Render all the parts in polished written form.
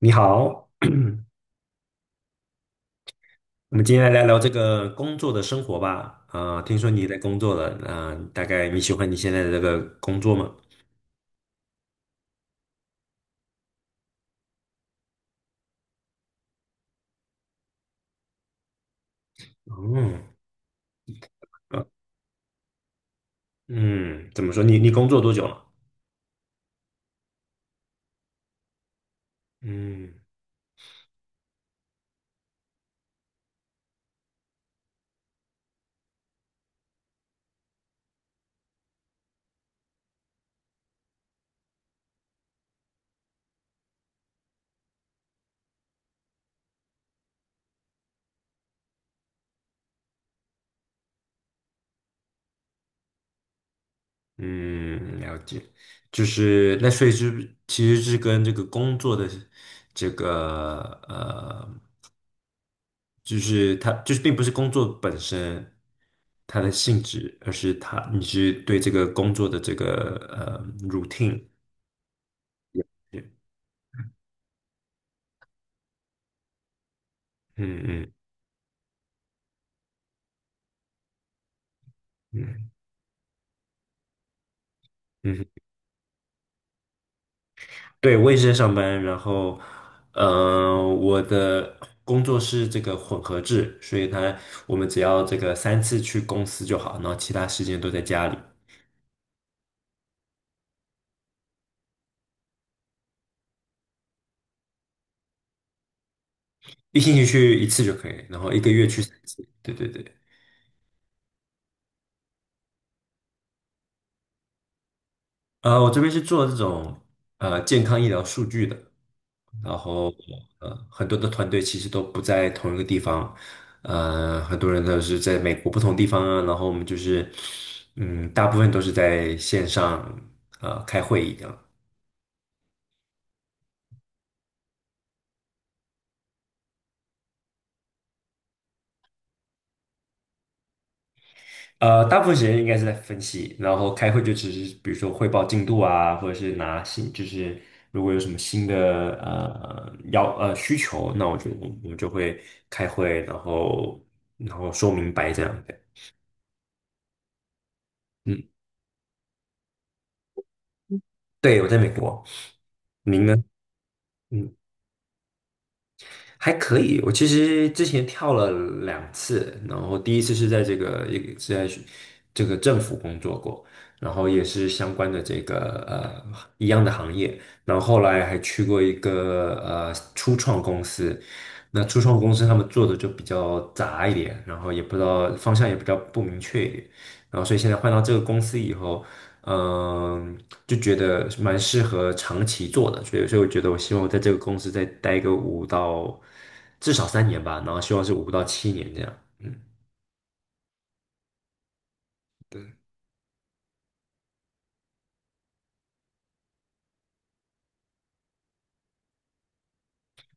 你好，我们今天来聊聊这个工作的生活吧。听说你也在工作了，大概你喜欢你现在的这个工作吗？嗯，呃嗯，怎么说？你工作多久了？嗯嗯，了解。就是那所以是其实是跟这个工作的这个呃，就是它就是并不是工作本身它的性质，而是它你是对这个工作的这个routine。嗯嗯嗯嗯，对，我也是在上班，然后，我的工作是这个混合制，所以它我们只要这个三次去公司就好，然后其他时间都在家里，一星期去一次就可以，然后一个月去三次。对对对，我这边是做这种健康医疗数据的，然后很多的团队其实都不在同一个地方，很多人都是在美国不同地方啊，然后我们就是，嗯，大部分都是在线上开会议样，大部分时间应该是在分析，然后开会就只是比如说汇报进度啊，或者是拿新，就是如果有什么新的要需求，那我们就会开会，然后说明白这样的，嗯，对，我在美国，您呢？嗯。还可以，我其实之前跳了2次，然后第一次是在这个一个是在学这个政府工作过，然后也是相关的这个一样的行业，然后后来还去过一个初创公司，那初创公司他们做的就比较杂一点，然后也不知道方向也比较不明确一点，然后所以现在换到这个公司以后。嗯，就觉得蛮适合长期做的，所以我觉得我希望我在这个公司再待个5到至少3年吧，然后希望是5到7年这样。嗯对，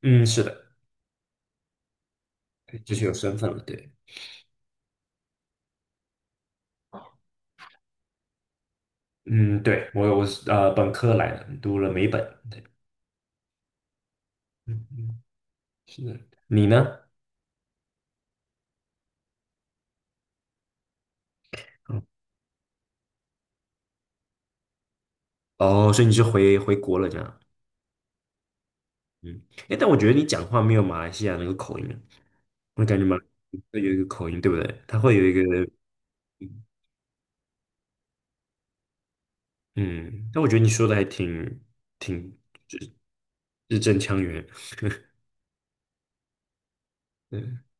嗯，是的，就是有身份了，对，嗯，对，我是本科来的，读了美本，对，嗯嗯，是的，你呢？嗯哦，所以你是回国了这样，嗯，哎，但我觉得你讲话没有马来西亚那个口音，我感觉马来西亚会有一个口音，对不对？它会有一个。嗯，但我觉得你说的还挺就是字正腔圆。嗯。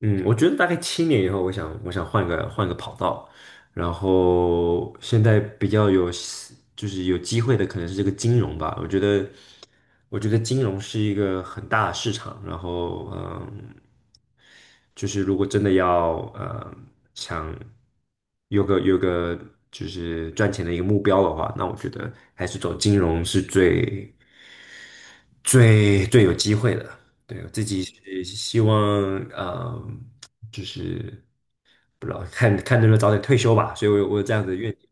嗯，我觉得大概七年以后，我想换个跑道，然后现在比较有就是有机会的可能是这个金融吧。我觉得金融是一个很大的市场，然后嗯，就是如果真的要想有个就是赚钱的一个目标的话，那我觉得还是走金融是最有机会的。对，我自己是希望，嗯，就是不知道看看能不能早点退休吧，所以我有这样的愿景。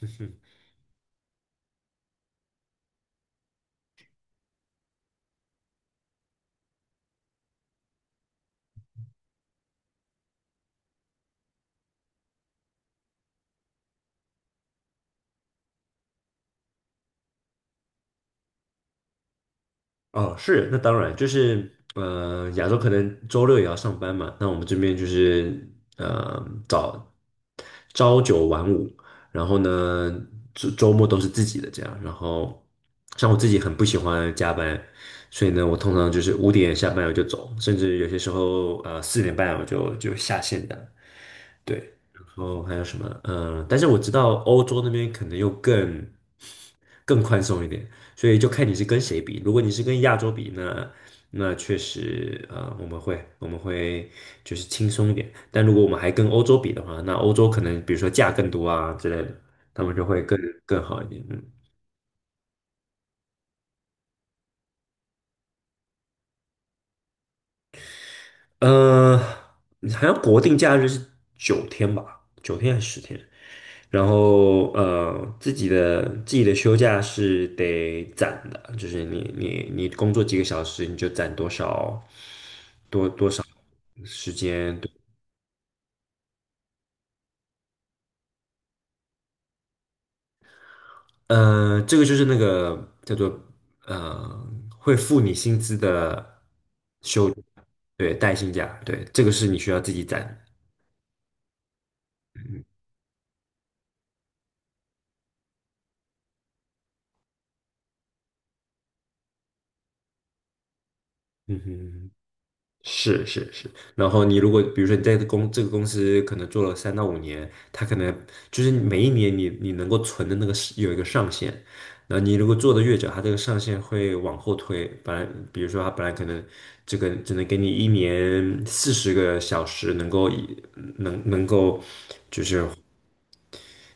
哦，是，那当然，就是亚洲可能周六也要上班嘛，那我们这边就是呃早朝九晚五，然后呢周末都是自己的这样，然后像我自己很不喜欢加班，所以呢，我通常就是5点下班我就走，甚至有些时候4点半我就下线的。对，然后还有什么？嗯、但是我知道欧洲那边可能又更宽松一点，所以就看你是跟谁比。如果你是跟亚洲比那确实，我们会就是轻松一点。但如果我们还跟欧洲比的话，那欧洲可能比如说价更多啊之类的，他们就会更好一点。嗯。好像国定假日是九天吧，九天还是10天？然后自己的休假是得攒的，就是你工作几个小时，你就攒多少时间。对，这个就是那个叫做呃，会付你薪资的，对，带薪假，对，这个是你需要自己攒的。嗯哼。嗯嗯是是是，然后你如果比如说你在这个公司可能做了3到5年，他可能就是每一年你能够存的那个是有一个上限，那你如果做的越久，它这个上限会往后推。本来比如说它本来可能这个只能给你一年四十个小时能够能够就是。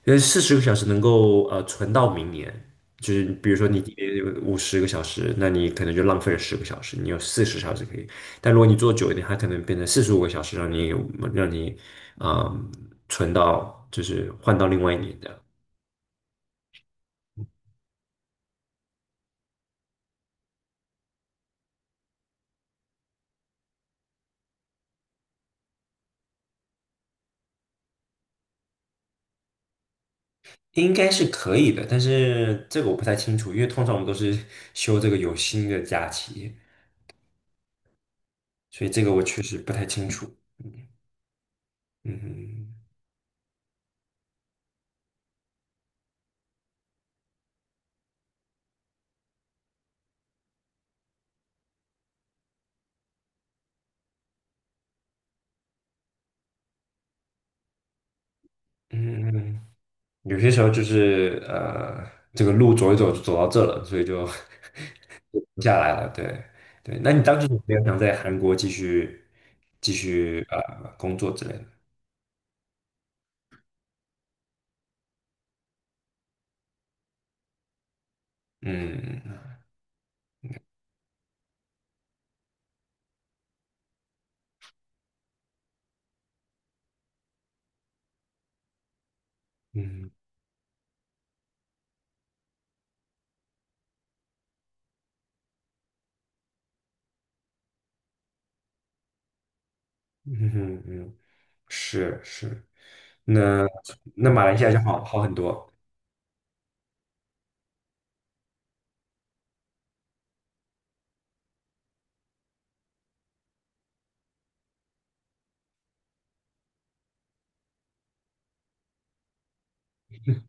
四十个小时能够存到明年，就是比如说你今天有50个小时，那你可能就浪费了十个小时，你有40小时可以。但如果你做久一点，它可能变成45个小时，让你嗯存到就是换到另外一年的，应该是可以的。但是这个我不太清楚，因为通常我们都是休这个有薪的假期，所以这个我确实不太清楚。嗯嗯嗯。嗯嗯有些时候就是这个路走一走就走到这了，所以就 就停下来了。对对，那你当时有没有想在韩国继续工作之类的？嗯嗯嗯嗯嗯，是是，那马来西亚就好很多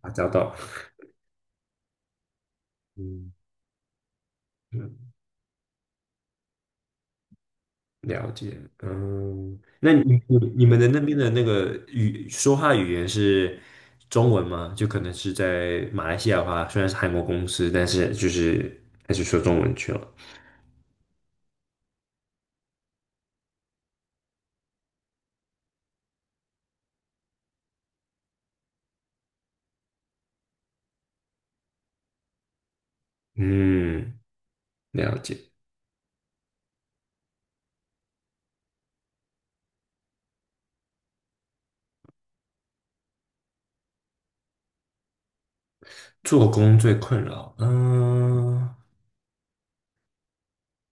啊，找到嗯。嗯了解，嗯，那你你们的那边的那个说话语言是中文吗？就可能是在马来西亚的话，虽然是韩国公司，但是就是还是说中文去了。嗯，了解。做工最困扰，嗯，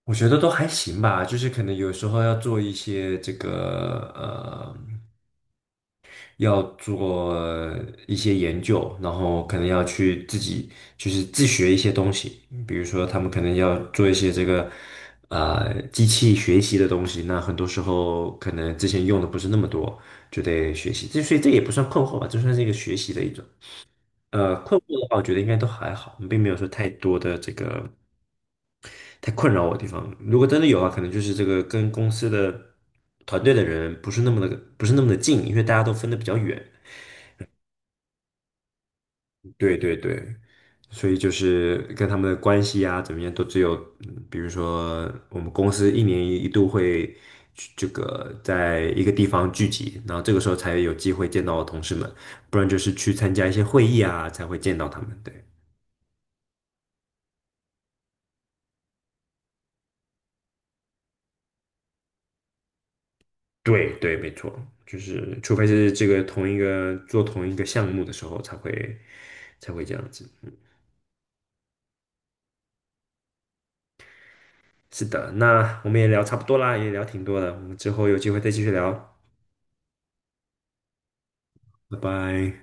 我觉得都还行吧，就是可能有时候要做一些这个要做一些研究，然后可能要去自己就是自学一些东西，比如说他们可能要做一些这个机器学习的东西，那很多时候可能之前用的不是那么多，就得学习，这所以这也不算困惑吧，就算是一个学习的一种。困惑的话，我觉得应该都还好，并没有说太多的这个太困扰我的地方。如果真的有啊，可能就是这个跟公司的团队的人不是那么的近，因为大家都分的比较远。对对对，所以就是跟他们的关系啊，怎么样，都只有，比如说我们公司一年一度会去这个在一个地方聚集，然后这个时候才有机会见到同事们，不然就是去参加一些会议啊，才会见到他们。对对对，没错，就是除非是这个同一个做同一个项目的时候才会这样子。嗯，是的，那我们也聊差不多啦，也聊挺多了，我们之后有机会再继续聊，拜拜。